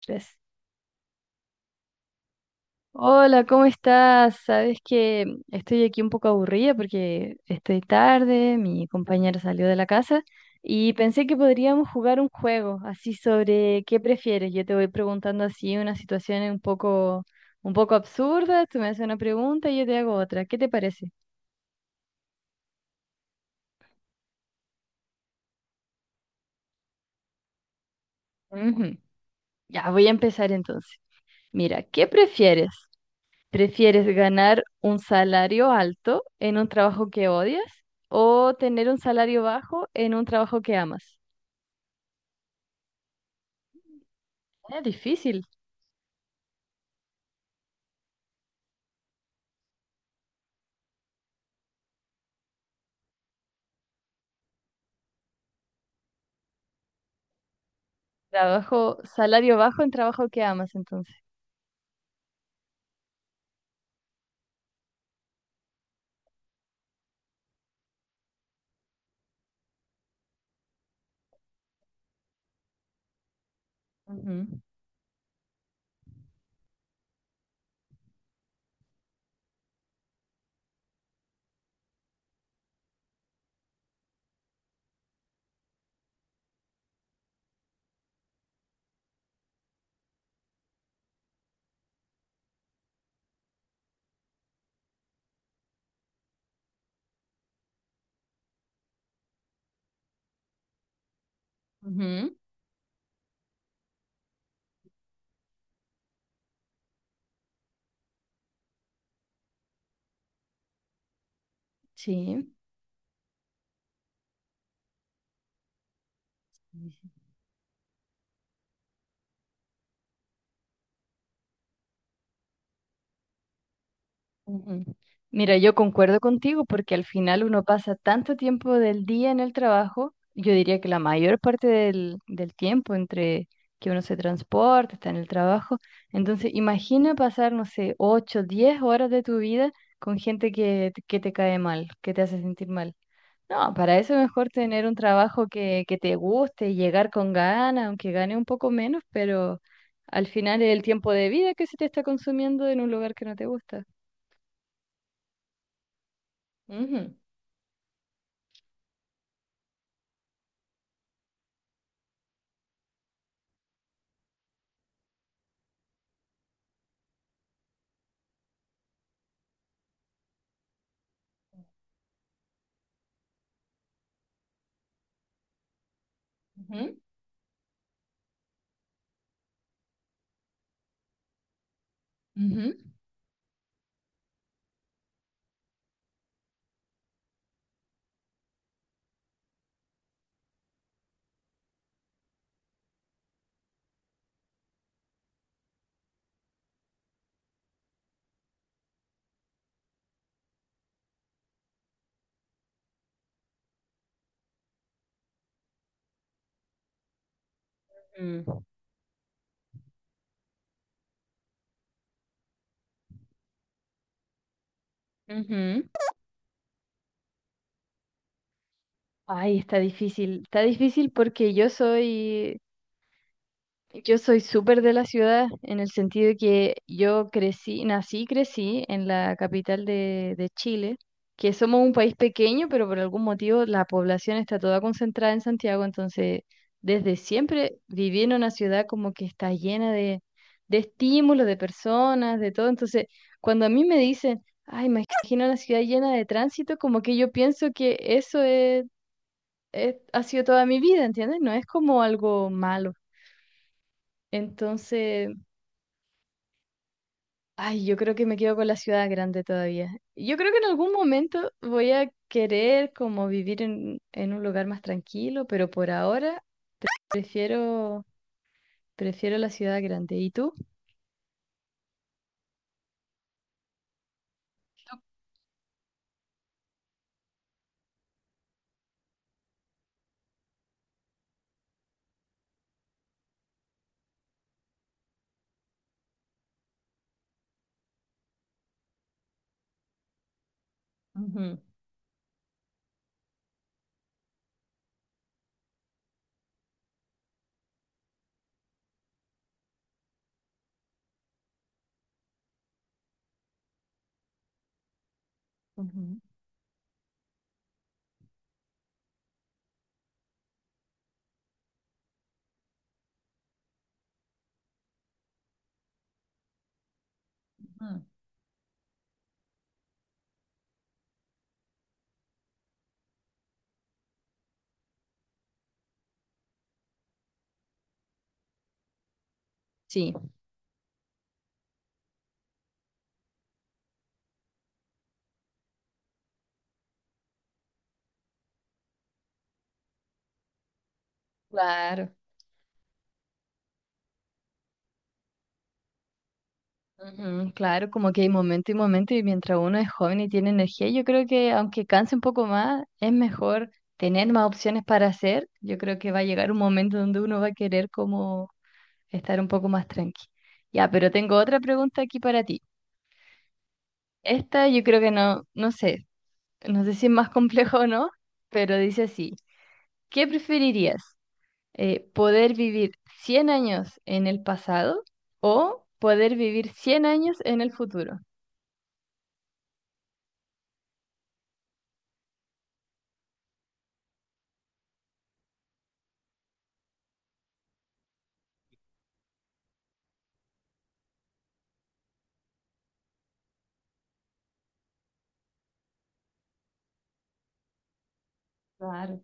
Tres. Hola, ¿cómo estás? Sabes que estoy aquí un poco aburrida porque estoy tarde, mi compañera salió de la casa y pensé que podríamos jugar un juego así sobre qué prefieres. Yo te voy preguntando así una situación un poco absurda, tú me haces una pregunta y yo te hago otra. ¿Qué te parece? Ujú. Ya, voy a empezar entonces. Mira, ¿qué prefieres? ¿Prefieres ganar un salario alto en un trabajo que odias o tener un salario bajo en un trabajo que amas? Es difícil. Trabajo, salario bajo en trabajo que amas, entonces. Ujú, ujú. Sí. Ujú. Mira, yo concuerdo contigo porque al final uno pasa tanto tiempo del día en el trabajo, yo diría que la mayor parte del tiempo entre que uno se transporta, está en el trabajo. Entonces, imagina pasar, no sé, 8 10 horas de tu vida con gente que te cae mal, que te hace sentir mal. No, para eso es mejor tener un trabajo que te guste y llegar con ganas, aunque gane un poco menos, pero al final es el tiempo de vida que se te está consumiendo en un lugar que no te gusta. Ujú. Ujú, ujú. Mm, ujú. Ay, está difícil. Está difícil porque yo soy súper de la ciudad en el sentido de que yo crecí, nací y crecí en la capital de Chile, que somos un país pequeño, pero por algún motivo la población está toda concentrada en Santiago, entonces desde siempre viví en una ciudad como que está llena de estímulos, de personas, de todo. Entonces, cuando a mí me dicen, ay, imagino una ciudad llena de tránsito, como que yo pienso que eso es, ha sido toda mi vida, ¿entiendes? No es como algo malo. Entonces... Ay, yo creo que me quedo con la ciudad grande todavía. Yo creo que en algún momento voy a querer como vivir en un lugar más tranquilo, pero por ahora prefiero, prefiero la ciudad grande. ¿Y tú? Ujú, sí. Claro. Ujú, claro, como que hay momento y momento y mientras uno es joven y tiene energía, yo creo que aunque canse un poco más, es mejor tener más opciones para hacer. Yo creo que va a llegar un momento donde uno va a querer como estar un poco más tranqui. Ya, pero tengo otra pregunta aquí para ti. Esta yo creo que no, no sé si es más complejo o no, pero dice así, ¿qué preferirías? ¿Poder vivir 100 años en el pasado o poder vivir 100 años en el futuro? Claro.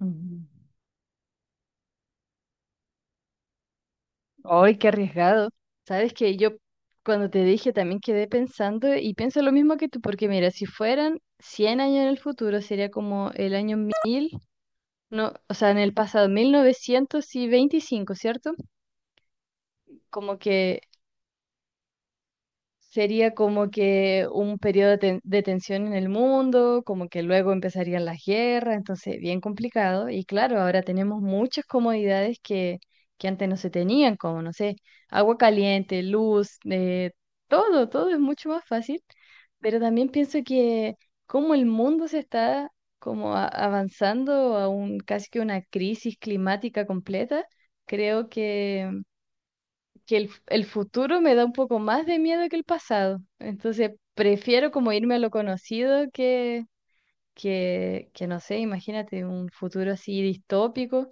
Mm. ¡Ay, qué arriesgado! Sabes que yo cuando te dije también quedé pensando y pienso lo mismo que tú, porque mira, si fueran 100 años en el futuro sería como el año, no, o sea, en el pasado, 1925, ¿cierto? Como que sería como que un periodo de tensión en el mundo, como que luego empezarían las guerras, entonces bien complicado. Y claro, ahora tenemos muchas comodidades que antes no se tenían, como, no sé, agua caliente, luz, todo, todo es mucho más fácil. Pero también pienso que como el mundo se está como avanzando a un, casi que una crisis climática completa, creo que el futuro me da un poco más de miedo que el pasado. Entonces, prefiero como irme a lo conocido que, que no sé, imagínate un futuro así distópico,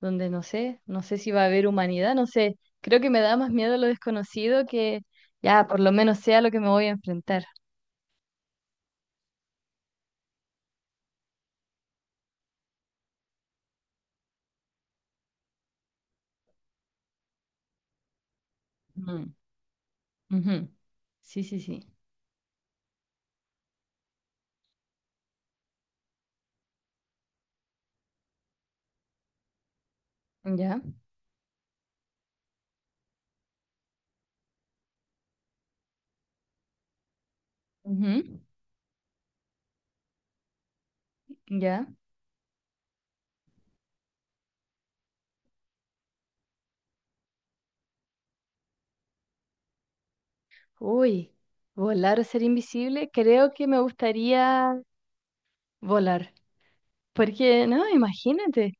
donde no sé, si va a haber humanidad, no sé. Creo que me da más miedo lo desconocido que ya por lo menos sea lo que me voy a enfrentar. Mm, ujú. Sí, sí, sí. Ya. Ujú. Ya. Uy, volar o ser invisible, creo que me gustaría volar. Porque, no, imagínate,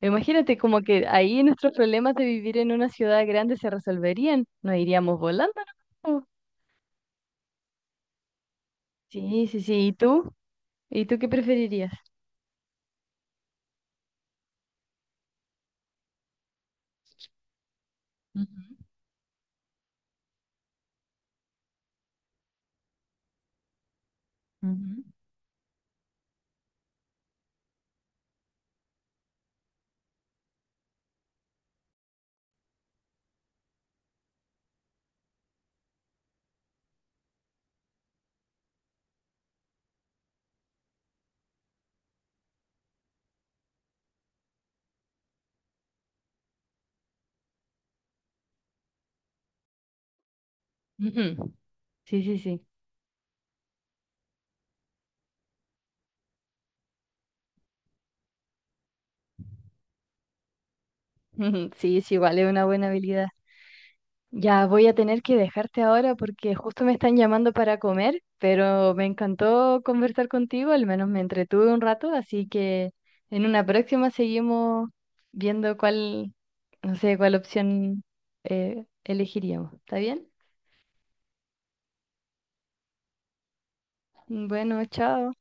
imagínate como que ahí nuestros problemas de vivir en una ciudad grande se resolverían, nos iríamos volando, ¿no? Sí, sí, sí, ¿y tú? ¿Y tú qué preferirías? Ujú, ujú, ujú. Sí, sí, sí. Sí, sí, igual es una buena habilidad. Ya voy a tener que dejarte ahora porque justo me están llamando para comer, pero me encantó conversar contigo, al menos me entretuve un rato, así que en una próxima seguimos viendo cuál, no sé, cuál opción elegiríamos. ¿Está bien? Bueno, chao.